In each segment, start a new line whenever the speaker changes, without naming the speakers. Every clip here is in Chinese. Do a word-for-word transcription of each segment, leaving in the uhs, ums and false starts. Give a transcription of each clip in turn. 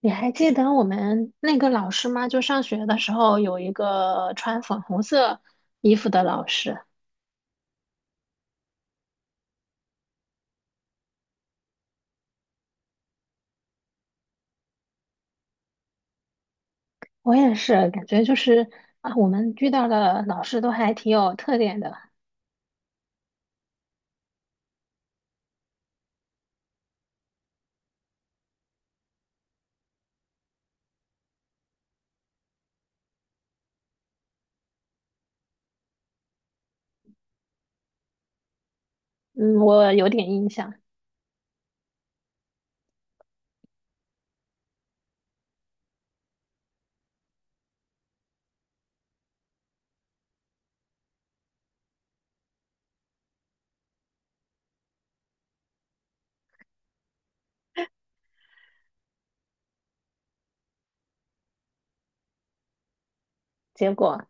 你还记得我们那个老师吗？就上学的时候有一个穿粉红色衣服的老师，我也是感觉就是啊，我们遇到的老师都还挺有特点的。嗯，我有点印象。结果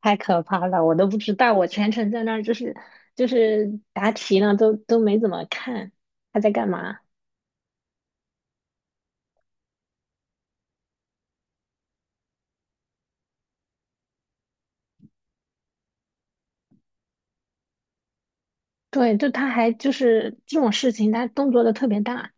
太可怕了，我都不知道，我全程在那儿就是就是答题呢，都都没怎么看他在干嘛。对，就他还就是这种事情，他动作都特别大。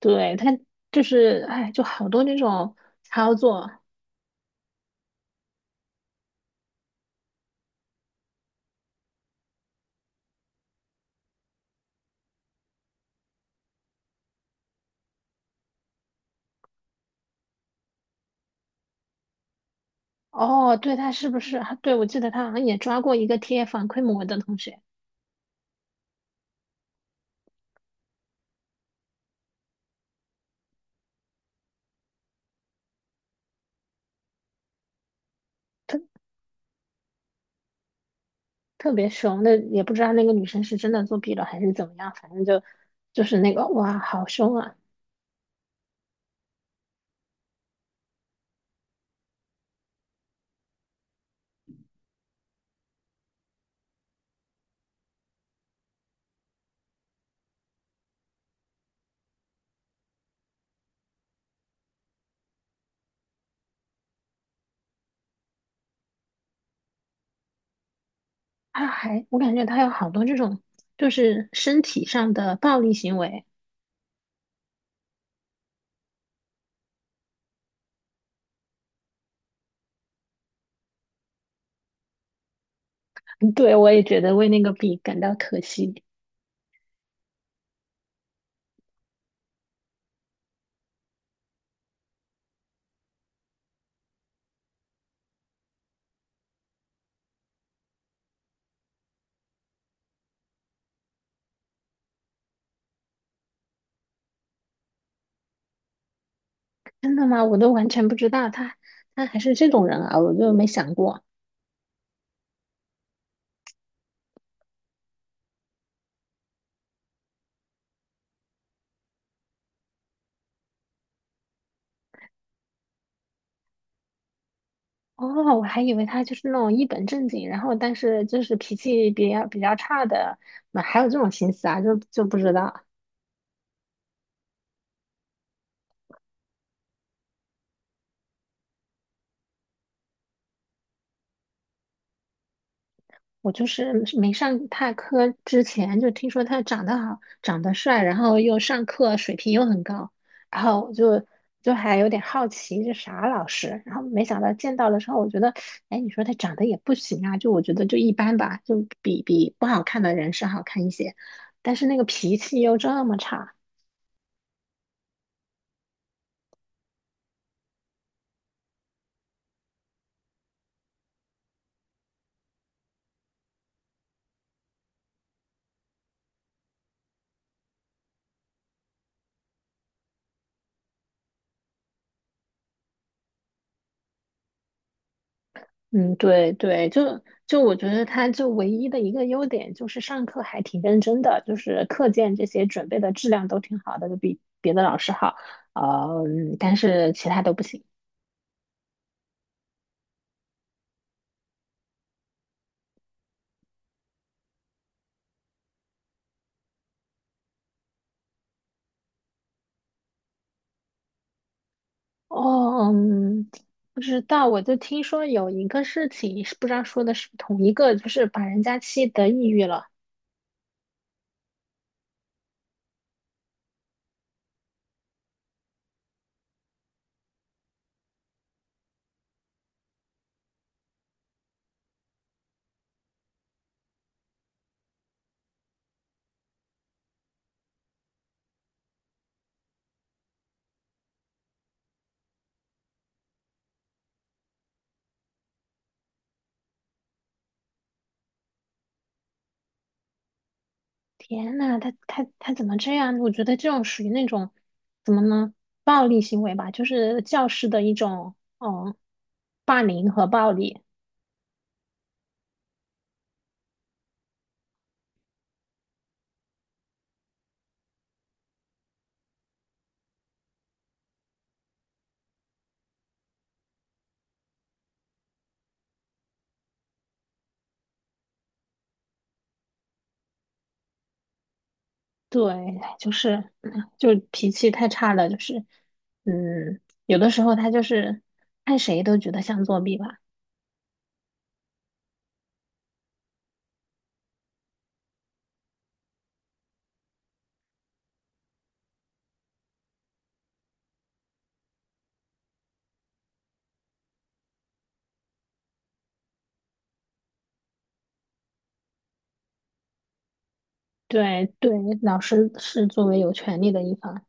对，他就是，哎，就好多那种操作。哦，对，他是不是？对，我记得他好像也抓过一个贴反馈膜的同学，特特别凶的，也不知道那个女生是真的作弊了还是怎么样，反正就就是那个哇，好凶啊！他还我感觉他有好多这种就是身体上的暴力行为。嗯对，我也觉得为那个笔感到可惜。真的吗？我都完全不知道他他还是这种人啊，我就没想过。哦，我还以为他就是那种一本正经，然后但是就是脾气比较比较差的，那还有这种心思啊？就就不知道。我就是没上他课之前就听说他长得好，长得帅，然后又上课水平又很高，然后我就就还有点好奇这啥老师，然后没想到见到了之后，我觉得，哎，你说他长得也不行啊，就我觉得就一般吧，就比比不好看的人是好看一些，但是那个脾气又这么差。嗯，对对，就就我觉得他就唯一的一个优点就是上课还挺认真的，就是课件这些准备的质量都挺好的，就比别的老师好。呃，嗯但是其他都不行。哦，嗯，不知道，我就听说有一个事情，是不知道说的是不是同一个，就是把人家气得抑郁了。天呐，他他他怎么这样？我觉得这种属于那种怎么呢？暴力行为吧，就是教师的一种嗯霸凌和暴力。对，就是嗯就脾气太差了，就是嗯，有的时候他就是看谁都觉得像作弊吧。对对，老师是作为有权利的一方。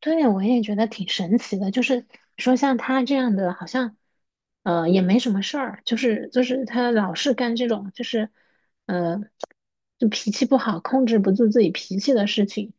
对，我也觉得挺神奇的。就是说像他这样的，好像呃也没什么事儿，就是就是他老是干这种就是呃就脾气不好、控制不住自己脾气的事情。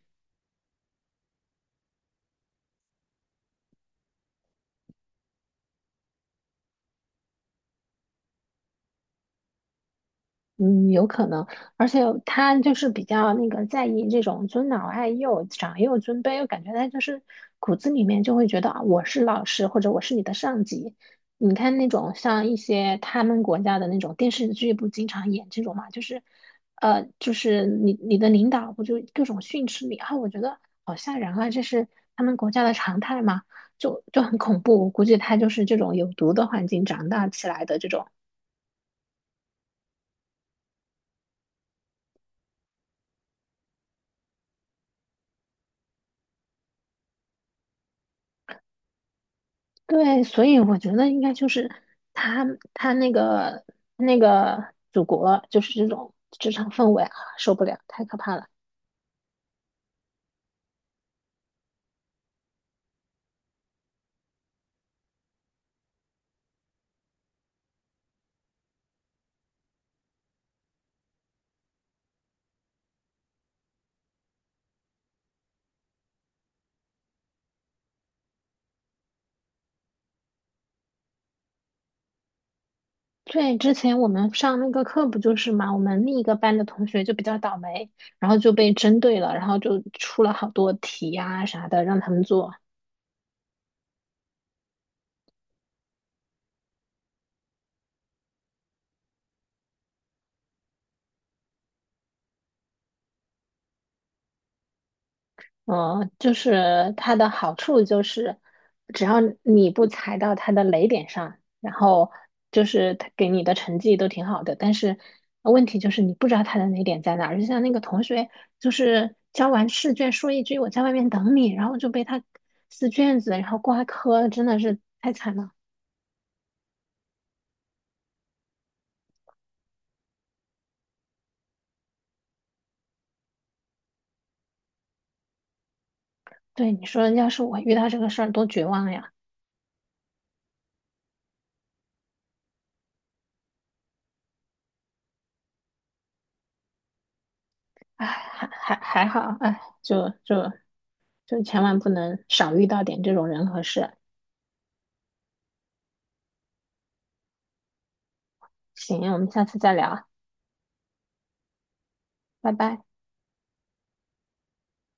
嗯，有可能，而且他就是比较那个在意这种尊老爱幼、长幼尊卑，我感觉他就是骨子里面就会觉得啊，我是老师或者我是你的上级。你看那种像一些他们国家的那种电视剧，不经常演这种嘛，就是，呃，就是你你的领导不就各种训斥你啊？我觉得好吓人啊，这是他们国家的常态嘛，就就很恐怖。我估计他就是这种有毒的环境长大起来的这种。对，所以我觉得应该就是他他那个那个祖国就是这种职场氛围啊，受不了，太可怕了。对，之前我们上那个课不就是嘛，我们另一个班的同学就比较倒霉，然后就被针对了，然后就出了好多题呀、啥的让他们做。嗯，就是它的好处就是，只要你不踩到它的雷点上，然后就是它给你的成绩都挺好的。但是问题就是你不知道它的雷点在哪儿。就像那个同学，就是交完试卷说一句“我在外面等你”，然后就被他撕卷子，然后挂科，真的是太惨了。对，你说要是我遇到这个事儿，多绝望呀！哎，还还还好，哎，就就就千万不能少遇到点这种人和事。行，我们下次再聊。拜拜。